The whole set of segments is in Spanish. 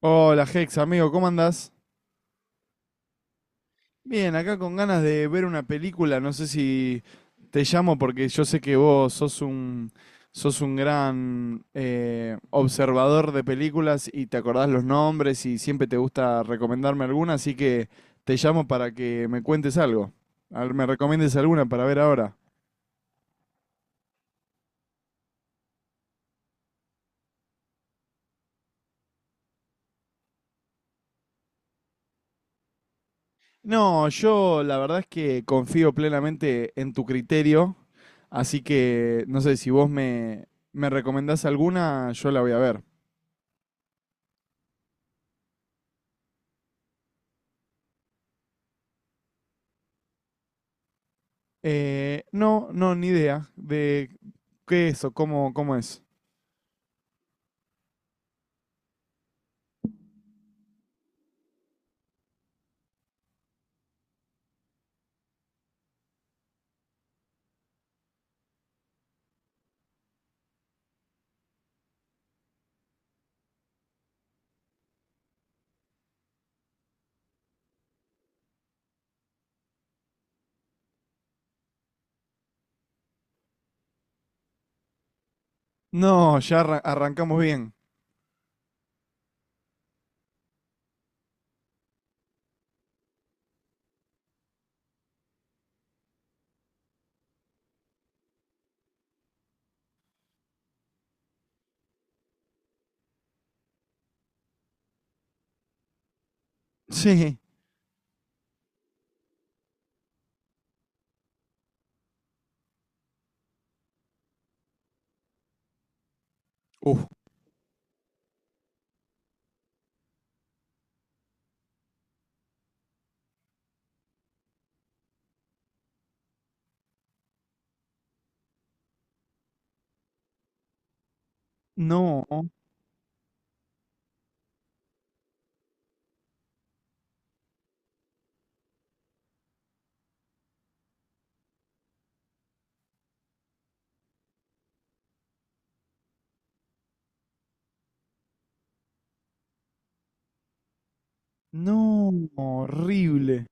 Hola, Hex, amigo, ¿cómo andás? Bien, acá con ganas de ver una película, no sé si te llamo porque yo sé que vos sos sos un gran observador de películas y te acordás los nombres y siempre te gusta recomendarme alguna, así que te llamo para que me cuentes algo. A ver, me recomiendes alguna para ver ahora. No, yo la verdad es que confío plenamente en tu criterio, así que no sé si me recomendás alguna, yo la voy a ver. No, no, ni idea de qué es o cómo es. No, ya arrancamos bien. Sí. Uf. No, no, horrible.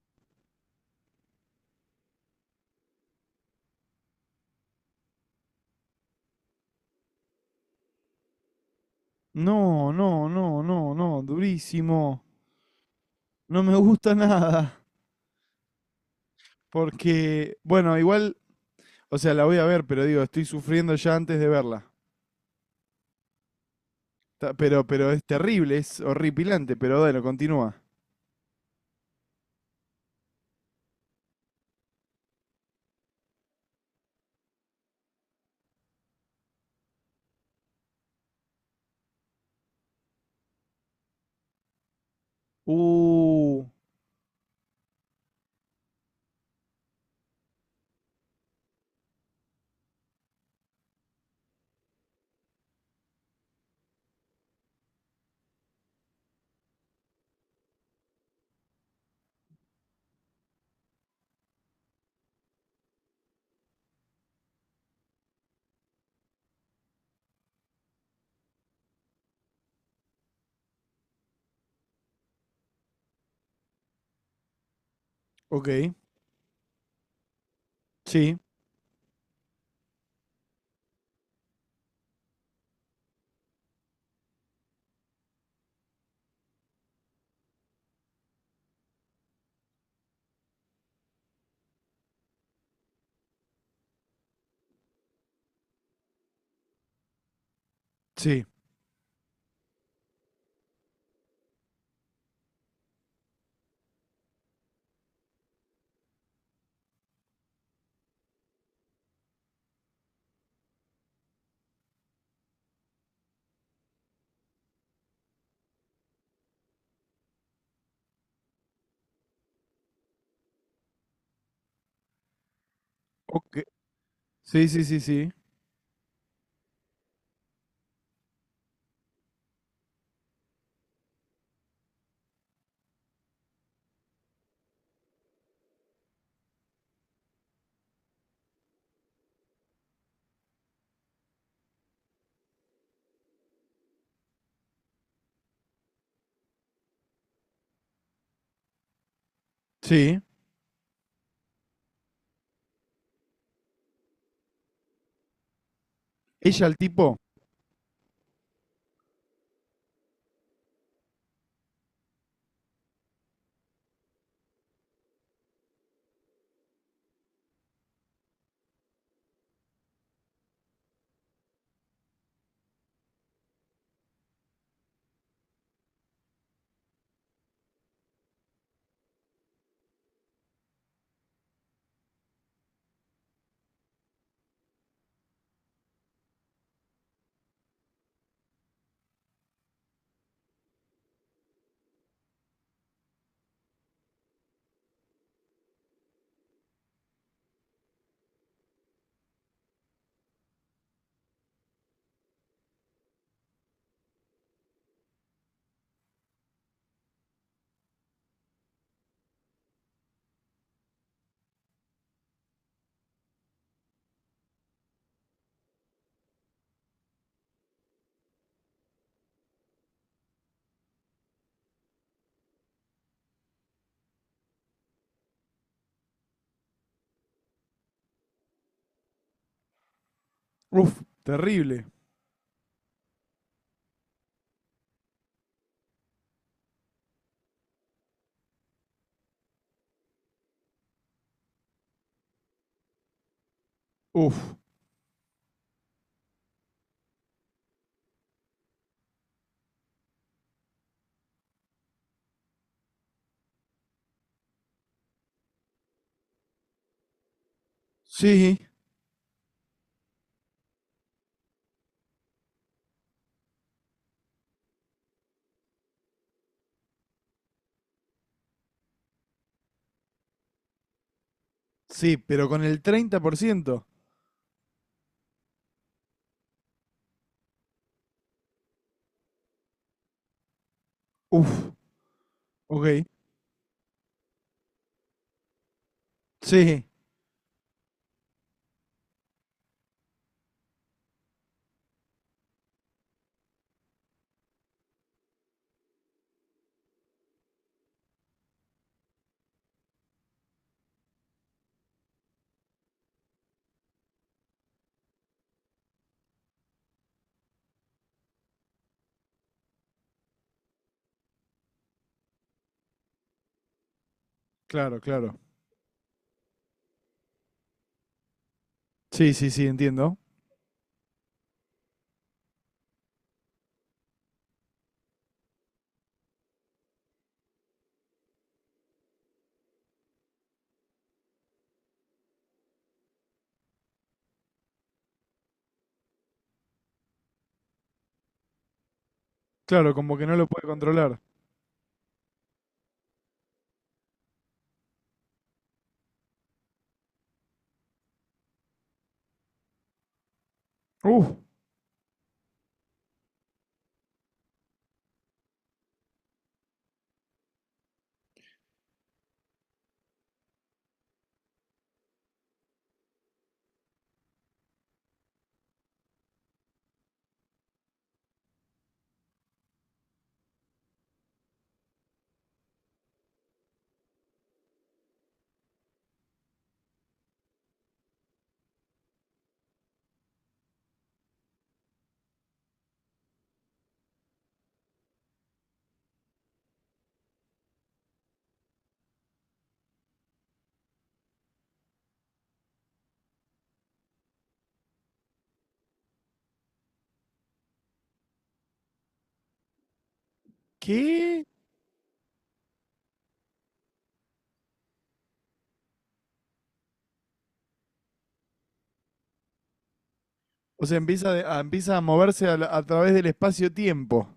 No, no, no, no, no, durísimo. No me gusta nada. Porque, bueno, igual, o sea, la voy a ver, pero digo, estoy sufriendo ya antes de verla. Pero es terrible, es horripilante, pero bueno, continúa. Uh, ok, sí, sí, ok, sí, sí, sí, sí, sí. Ella al tipo. Uff, terrible. Uff, sí, sí, pero con el 30%. Uff, ok, sí, claro, claro, sí, sí, sí, entiendo, claro, como que no lo puede controlar. Uff, ¿qué? O sea, empieza a moverse a través del espacio-tiempo.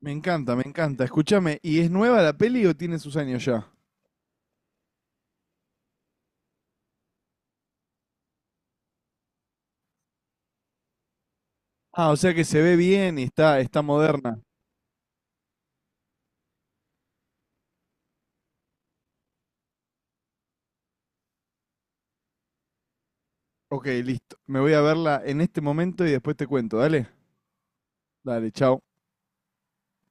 Me encanta, me encanta. Escúchame, ¿y es nueva la peli o tiene sus años ya? Ah, o sea que se ve bien y está, está moderna. Ok, listo. Me voy a verla en este momento y después te cuento. Dale, dale, chao.